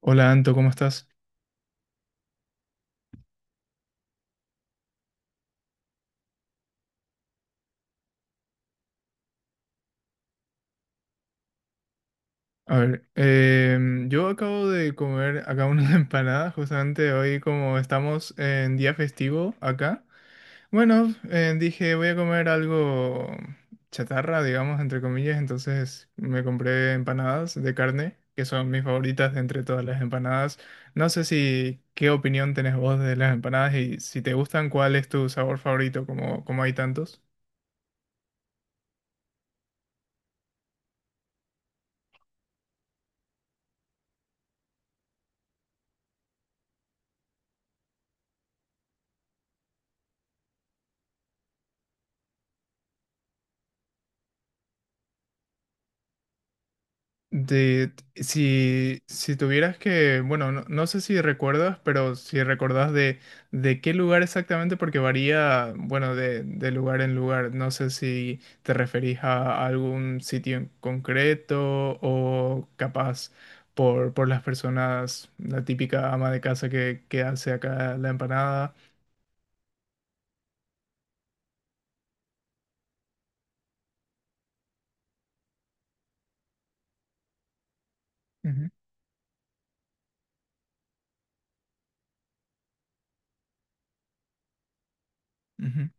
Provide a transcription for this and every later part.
Hola Anto, ¿cómo estás? A ver, yo acabo de comer acá una empanada, justamente hoy como estamos en día festivo acá. Bueno, dije voy a comer algo chatarra, digamos, entre comillas. Entonces me compré empanadas de carne, que son mis favoritas de entre todas las empanadas. No sé, si ¿qué opinión tenés vos de las empanadas y si te gustan, cuál es tu sabor favorito, como, como hay tantos? De, si tuvieras que, bueno, no, no sé si recuerdas, pero si recordás de qué lugar exactamente, porque varía, bueno, de lugar en lugar. No sé si te referís a algún sitio en concreto o capaz por las personas, la típica ama de casa que hace acá la empanada. Ujú, ujú.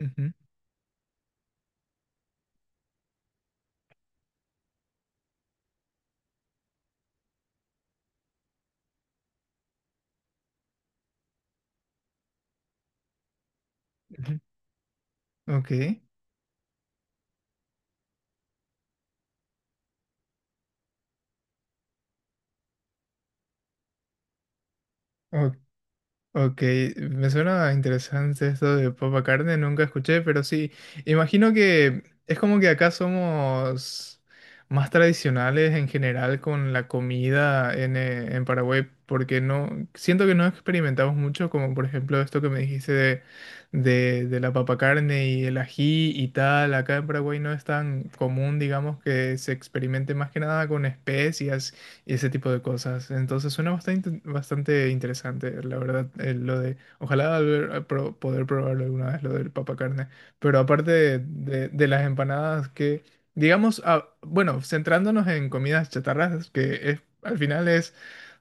Ujú, ujú. Ok, ok. Ok, me suena interesante esto de papa carne, nunca escuché, pero sí, imagino que es como que acá somos más tradicionales en general con la comida en Paraguay, porque no, siento que no experimentamos mucho, como por ejemplo esto que me dijiste de la papa carne y el ají y tal. Acá en Paraguay no es tan común, digamos, que se experimente más que nada con especias y ese tipo de cosas. Entonces suena bastante, bastante interesante, la verdad, lo de, poder probarlo alguna vez, lo del papacarne. Pero aparte de, de las empanadas que, digamos, ah, bueno, centrándonos en comidas chatarras, que es, al final es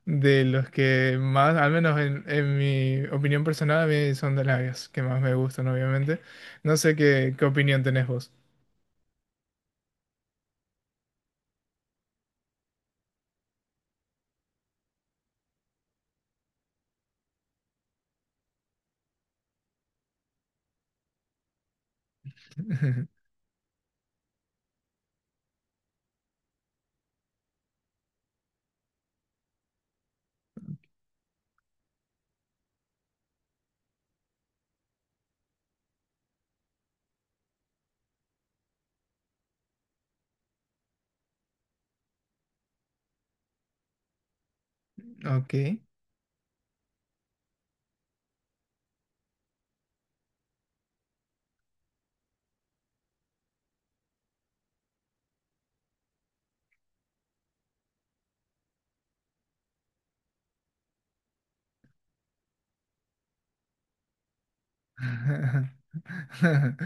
de los que más, al menos en mi opinión personal, a mí son de las que más me gustan, obviamente. No sé qué, qué opinión tenés vos. Ok.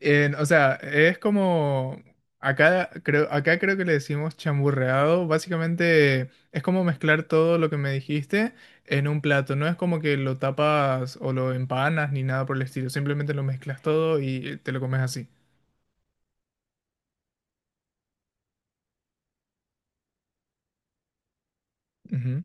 O sea, es como acá creo que le decimos chamburreado. Básicamente es como mezclar todo lo que me dijiste en un plato. No es como que lo tapas o lo empanas ni nada por el estilo. Simplemente lo mezclas todo y te lo comes así. Ujú.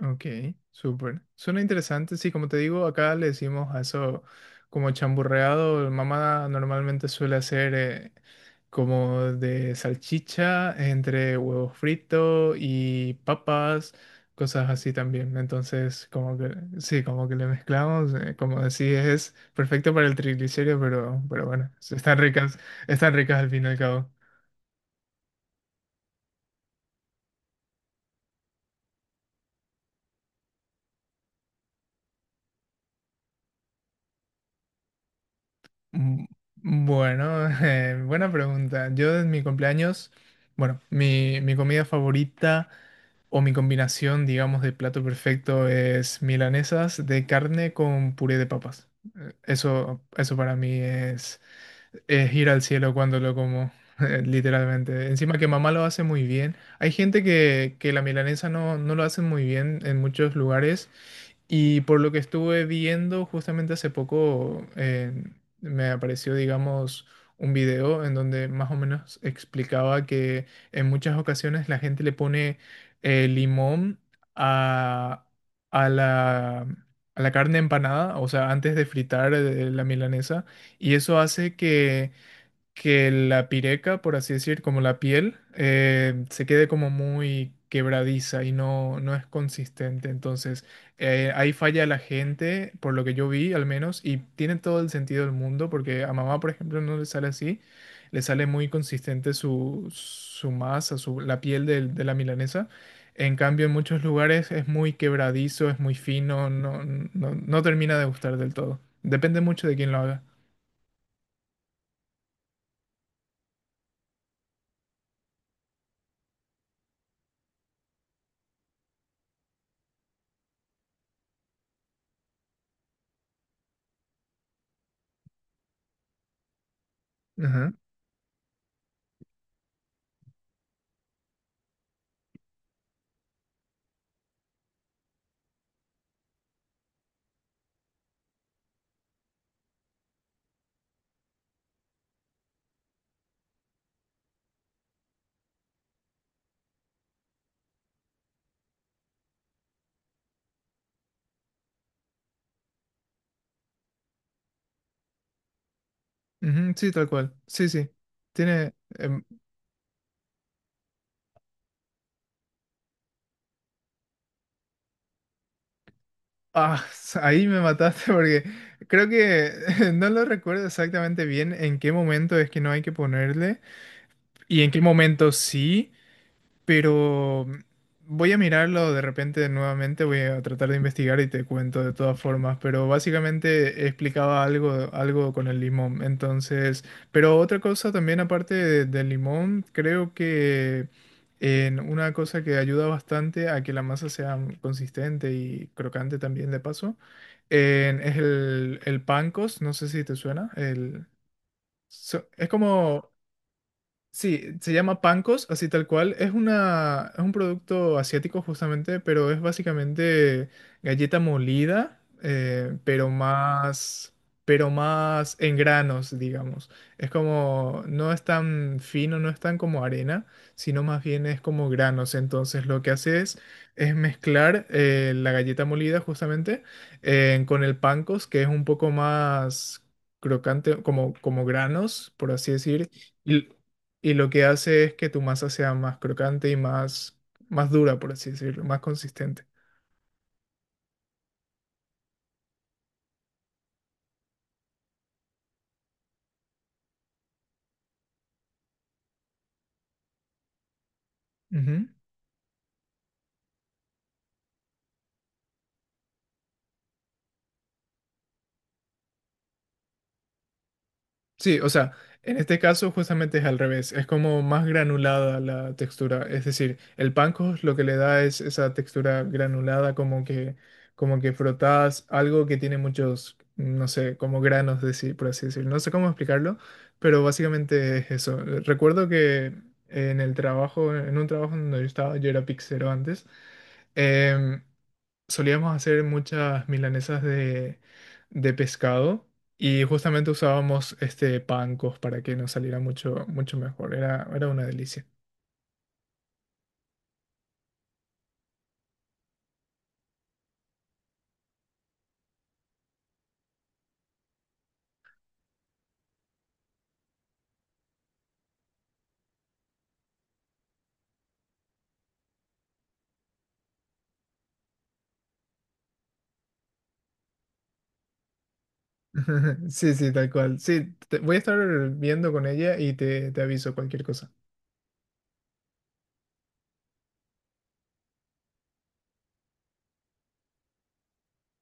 Ok, súper. Suena interesante. Sí, como te digo, acá le decimos a eso como chamburreado. Mamá normalmente suele hacer como de salchicha entre huevos fritos y papas, cosas así también. Entonces, como que sí, como que le mezclamos. Como decís, es perfecto para el triglicérido, pero bueno, están ricas al fin y al cabo. Mm, Bueno, buena pregunta. Yo en mi cumpleaños, bueno, mi comida favorita o mi combinación, digamos, de plato perfecto es milanesas de carne con puré de papas. Eso para mí es ir al cielo cuando lo como, literalmente. Encima que mamá lo hace muy bien. Hay gente que la milanesa no, no lo hace muy bien en muchos lugares. Y por lo que estuve viendo justamente hace poco, me apareció, digamos, un video en donde más o menos explicaba que en muchas ocasiones la gente le pone limón a, a la, a la carne empanada, o sea, antes de fritar la milanesa, y eso hace que la pireca, por así decir, como la piel, se quede como muy quebradiza y no, no es consistente. Entonces, ahí falla la gente, por lo que yo vi al menos, y tiene todo el sentido del mundo, porque a mamá, por ejemplo, no le sale así, le sale muy consistente su, su masa, su, la piel de la milanesa. En cambio, en muchos lugares es muy quebradizo, es muy fino, no, no, no termina de gustar del todo. Depende mucho de quién lo haga. Ujú, sí, tal cual. Sí, sí. Tiene. Ah, ahí me mataste porque creo que no lo recuerdo exactamente bien en qué momento es que no hay que ponerle y en qué momento sí. Pero voy a mirarlo de repente nuevamente, voy a tratar de investigar y te cuento de todas formas, pero básicamente explicaba algo, algo con el limón. Entonces, pero otra cosa también aparte del limón, creo que en una cosa que ayuda bastante a que la masa sea consistente y crocante también de paso, es el pancos, no sé si te suena, el, es como... Sí, se llama Pancos, así tal cual. Es una, es un producto asiático justamente, pero es básicamente galleta molida, pero más en granos, digamos. Es como, no es tan fino, no es tan como arena, sino más bien es como granos. Entonces lo que hace es mezclar la galleta molida justamente con el Pancos, que es un poco más crocante, como, como granos, por así decir. y- y lo que hace es que tu masa sea más crocante y más, más dura, por así decirlo, más consistente. Ujú. Sí, o sea, en este caso justamente es al revés, es como más granulada la textura, es decir, el panko lo que le da es esa textura granulada, como que frotas algo que tiene muchos, no sé, como granos de sí, por así decir. No sé cómo explicarlo, pero básicamente es eso. Recuerdo que en el trabajo, en un trabajo donde yo estaba, yo era pixero antes, em, solíamos hacer muchas milanesas de pescado y justamente usábamos este pancos para que nos saliera mucho, mucho mejor. Era, era una delicia. Sí, sí, tal cual. Sí, voy a estar viendo con ella y te aviso cualquier cosa.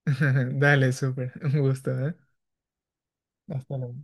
Dale, súper. Un gusto, ¿eh? Hasta luego.